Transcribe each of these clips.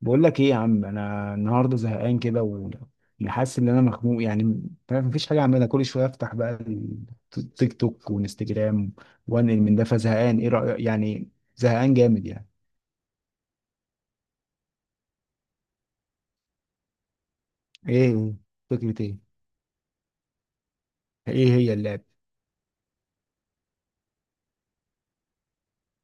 بقول لك ايه يا عم، انا النهارده زهقان كده وحاسس ان انا مخنوق يعني. فاهم، مفيش حاجه اعملها. كل شويه افتح بقى التيك توك وانستجرام وانقل من ده، فزهقان. ايه رايك يعني؟ زهقان جامد يعني. ايه؟ فكرة ايه؟ ايه هي اللعبه؟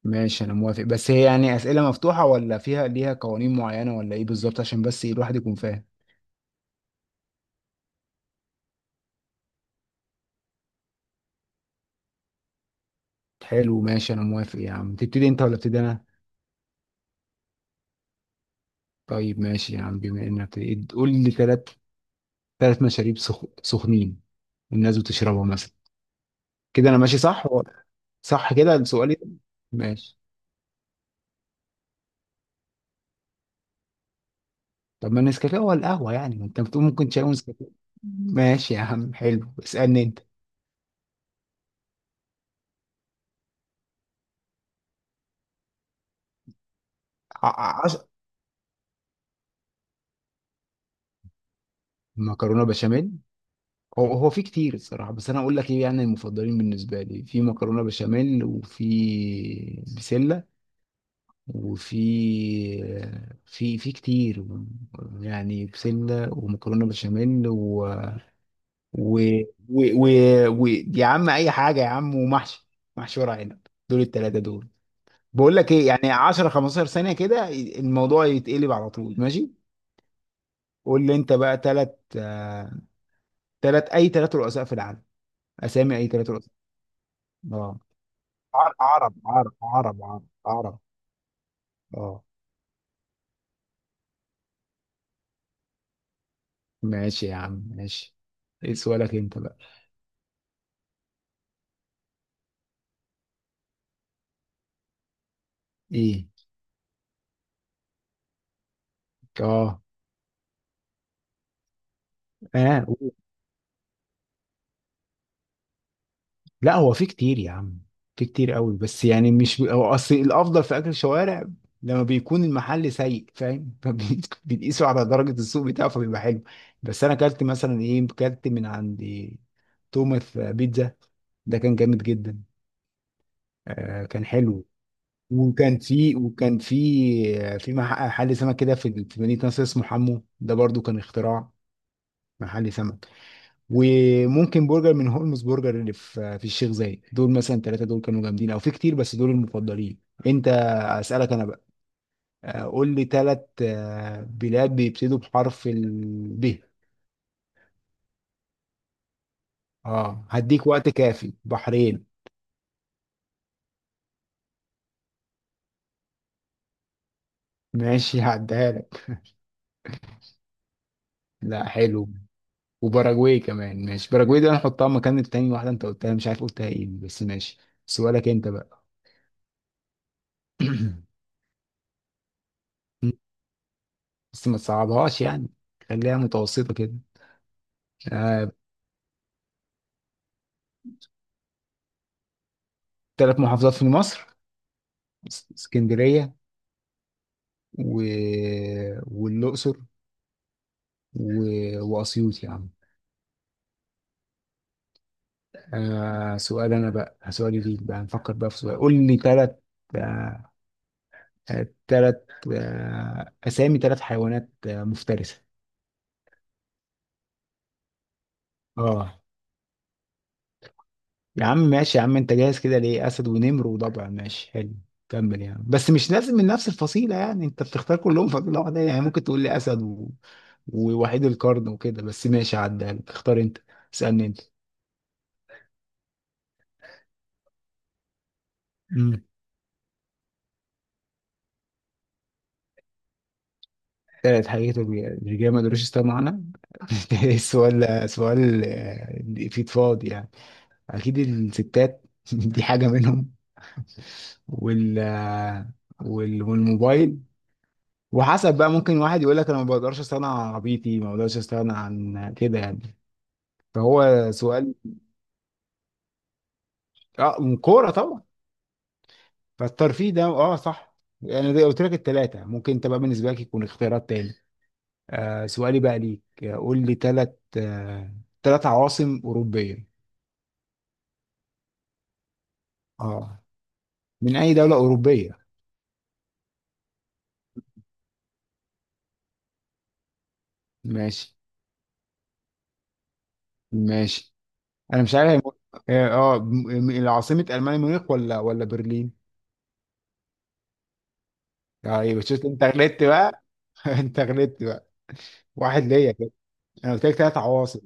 ماشي انا موافق، بس هي يعني اسئله مفتوحه ولا فيها ليها قوانين معينه ولا ايه بالظبط، عشان بس إيه الواحد يكون فاهم. حلو ماشي انا موافق يا عم. تبتدي انت ولا ابتدي انا؟ طيب ماشي يا عم، بما انك بتبتدي، قول لي ثلاث، ثلاث مشاريب سخنين والناس بتشربه مثلا. كده انا ماشي صح؟ صح كده سؤالي ده؟ ماشي. طب ما النسكافيه هو القهوه يعني، ما انت بتقول ممكن شاي ونسكافيه. ماشي يا عم حلو، اسالني انت. ع- ع- عش... مكرونه بشاميل. هو في كتير الصراحه، بس انا اقول لك ايه، يعني المفضلين بالنسبه لي في مكرونه بشاميل، وفي بسله وفي في كتير، يعني بسله ومكرونه بشاميل و... و... و... يا عم، اي حاجه يا عم، ومحشي، محشي ورق عنب. دول الثلاثه دول. بقول لك ايه، يعني 10 15 ثانيه كده الموضوع يتقلب على طول. ماشي، قول لي انت بقى، ثلاث، ثلاث، اي ثلاث رؤساء في العالم، اسامي اي ثلاث رؤساء. اه. عرب. اه. ماشي يا عم ماشي. ايه سؤالك انت بقى؟ ايه؟ اه. اه، لا، هو في كتير يا عم، في كتير قوي، بس يعني مش هو اصل الافضل في اكل الشوارع لما بيكون المحل سيء، فاهم؟ فبيقيسوا على درجة السوق بتاعه فبيبقى حلو. بس انا اكلت مثلا، ايه، اكلت من عند توماس بيتزا، ده كان جامد جدا. آه كان حلو. وكان في محل سمك كده في مدينة نصر اسمه حمو، ده برضو كان اختراع، محل سمك. وممكن برجر من هولمز برجر اللي في الشيخ زايد. دول مثلا ثلاثة دول كانوا جامدين، او في كتير بس دول المفضلين. انت. اسالك انا بقى. قول لي ثلاث بلاد بيبتدوا بحرف ب. اه هديك وقت كافي. بحرين، ماشي هعديها لك. لا حلو. وباراجواي كمان، ماشي. باراجواي دي هنحطها مكان التاني واحدة انت قلتها مش عارف قلتها ايه، بس ماشي. سؤالك انت بقى. بس ما تصعبهاش يعني، خليها متوسطة كده. آه، ثلاث محافظات في مصر. اسكندرية و... والأقصر و... وأسيوط يا عم. آه، سؤال أنا بقى، سؤالي ليك بقى، نفكر بقى في سؤال. قول لي ثلاث، آه ثلاث أسامي ثلاث حيوانات مفترسة. اه. يا عم ماشي يا عم، انت جاهز كده ليه؟ أسد ونمر وضبع، ماشي حلو. كمل يعني، بس مش لازم من نفس الفصيلة، يعني انت بتختار كلهم فصيلة واحدة، يعني ممكن تقول لي أسد ووحيد القرن وكده، بس ماشي عدها لك. اختار انت، اسألني. انت. كانت حقيقته الرجال ما قدروش يستغنوا عنها. سؤال، آه، في فاضي يعني. اكيد الستات، دي حاجه منهم. وال آه، والموبايل. وحسب بقى، ممكن واحد يقول لك انا ما بقدرش استغنى عن عربيتي، ما بقدرش استغنى عن كده يعني، فهو سؤال. اه كوره طبعا، فالترفيه ده، اه صح. يعني زي قلت لك الثلاثه، ممكن انت بقى بالنسبه لك يكون اختيارات تاني. آه سؤالي بقى ليك، قول لي ثلاث، آه ثلاث عواصم اوروبيه. اه، من اي دولة أوروبية. ماشي. ماشي. انا مش عارف، هي مو- اه آه، م- م- العاصمة ألمانيا ميونخ ولا برلين؟ ايوه، شفت انت غلطت بقى، انت غلطت بقى. واحد ليا كده. انا قلت لك ثلاث عواصم.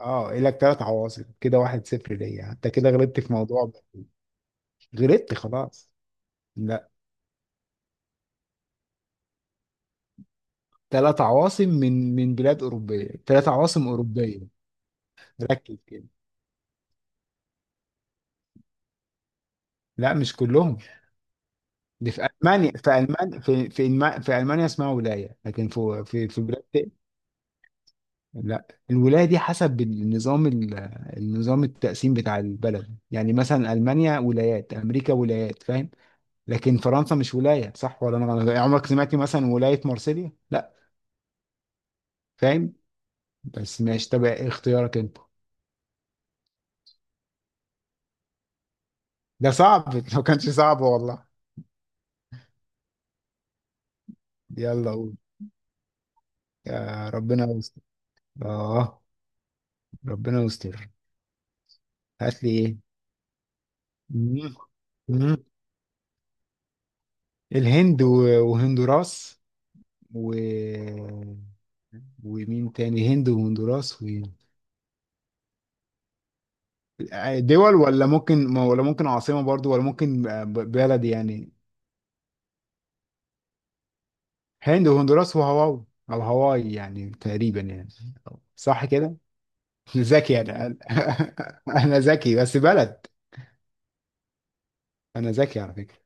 اه، قايل لك ثلاث عواصم كده. واحد صفر ليا، انت كده غلطت في موضوع بقى. غلطت خلاص. لا، ثلاث عواصم من بلاد أوروبية، ثلاث عواصم أوروبية. ركز كده. لا مش كلهم. دي في ألمانيا، في ألمانيا، في ألمانيا اسمها ولاية، لكن في بلاد. لا، الولاية دي حسب النظام النظام التقسيم بتاع البلد، يعني مثلا ألمانيا ولايات، أمريكا ولايات، فاهم؟ لكن فرنسا مش ولاية، صح ولا أنا غلط؟ عمرك سمعت مثلا ولاية مارسيليا؟ لا. فاهم. بس ماشي، طب اختيارك أنت. ده صعب. لو كانش صعب والله. يلا قول، يا ربنا يستر. آه ربنا يستر. هات لي إيه؟ مم. مم. الهند وهندوراس و ومين تاني؟ هند وهندوراس دول، ولا ممكن عاصمة برضو، ولا ممكن بلد يعني؟ هند وهندوراس وهاواي، او هاواي يعني تقريبا يعني، صح كده. ذكي يعني. انا، انا ذكي بس بلد. انا ذكي على فكرة.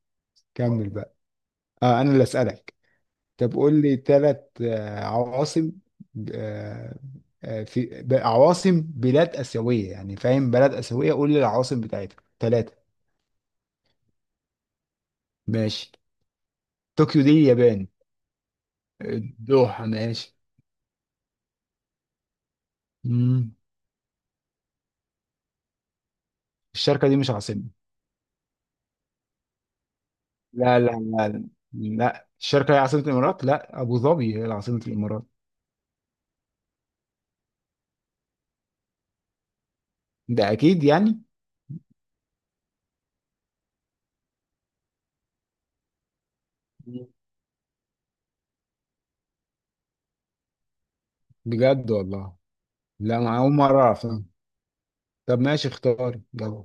كمل بقى. آه انا اللي اسالك. طب قول لي ثلاث عواصم، آه، عواصم بلاد اسيوية يعني، فاهم؟ بلد اسيوية، قول لي العواصم بتاعتها ثلاثة. ماشي. طوكيو دي اليابان. الدوحة ماشي. مم. الشركة دي مش عاصمة. لا لا لا لا الشركة هي عاصمة الإمارات؟ لا، أبو ظبي هي عاصمة الإمارات. ده أكيد يعني. مم. بجد والله. لا، ما أول مرة أعرف. طب ماشي اختار يلا.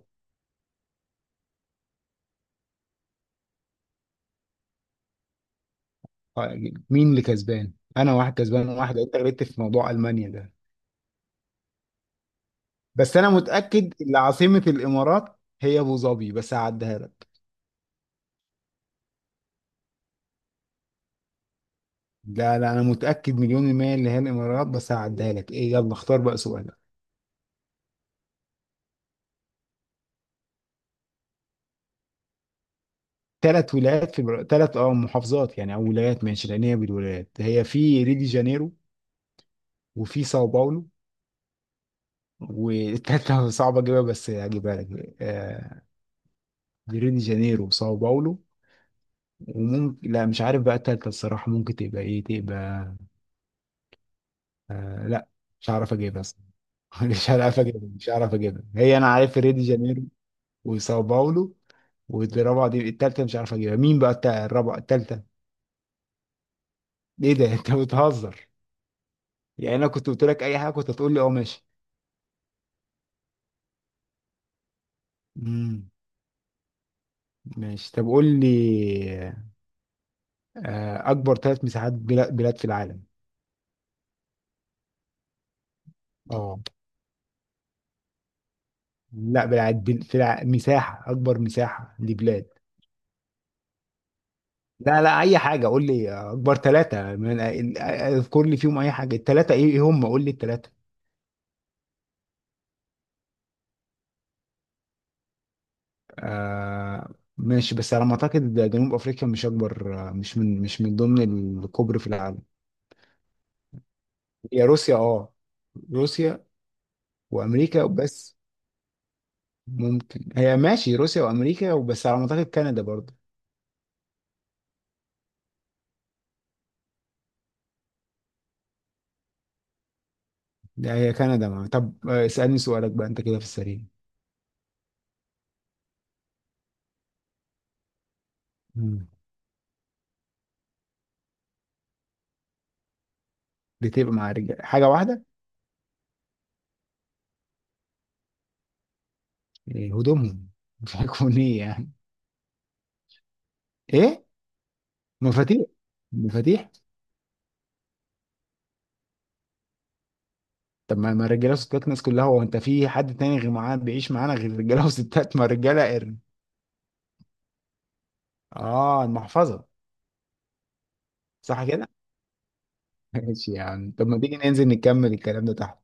آه، مين اللي كسبان؟ أنا واحد، كسبان واحد، أنت غلطت في موضوع ألمانيا ده. بس أنا متأكد إن عاصمة الإمارات هي أبو ظبي، بس هعديها لك. لا لا، أنا متأكد مليون المية اللي هي الإمارات، بس هعديها لك. إيه، يلا اختار بقى سؤال. ثلاث ولايات في، ثلاث اه محافظات يعني او ولايات، ماشي، لان هي بالولايات. هي في ريو دي جانيرو وفي ساو باولو، والتالتة صعبة اجيبها، بس هجيبها لك. آه، ريو دي جانيرو وساو باولو، وممكن، لا مش عارف بقى التالتة الصراحة. ممكن تبقى ايه؟ تبقى، آه لا، مش هعرف اجيبها اصلا. مش هعرف اجيبها، مش هعرف اجيبها. هي انا عارف ريو دي جانيرو وساو باولو، والرابعة دي، التالتة، مش عارف اجيبها، مين بقى الرابعة، التالتة. ايه ده؟ انت بتهزر يعني؟ انا كنت قلت لك اي حاجة كنت هتقول لي اه ماشي. مم. ماشي، طب قول لي، آه، اكبر ثلاث مساحات بلاد في العالم. اه. لا، بلاد، في الع... مساحة، اكبر مساحة لبلاد. لا لا، اي حاجة، قول لي آه، اكبر ثلاثة اذكر لي فيهم اي حاجة، الثلاثة ايه، إيه هم، قول لي الثلاثة. آه، ماشي، بس على ما اعتقد جنوب افريقيا مش اكبر، آه، مش من، ضمن الكبر في العالم. هي روسيا اه، روسيا وامريكا وبس. ممكن، هي ماشي، روسيا وامريكا وبس، على ما اعتقد كندا برضه. ده هي كندا ما. طب آه، اسألني سؤالك بقى انت كده في السريع. مم. بتبقى مع رجال، حاجة واحدة. إيه، هدومهم؟ بيكون ايه يعني؟ ايه؟ مفاتيح. مفاتيح. طب ما، ما الرجاله وستات الناس كلها، هو انت في حد تاني غير معانا بيعيش معانا غير رجاله وستات؟ ما الرجاله قرن. اه، المحفظة. صح كده. ماشي يعني. طب ما تيجي ننزل نكمل الكلام ده تحت.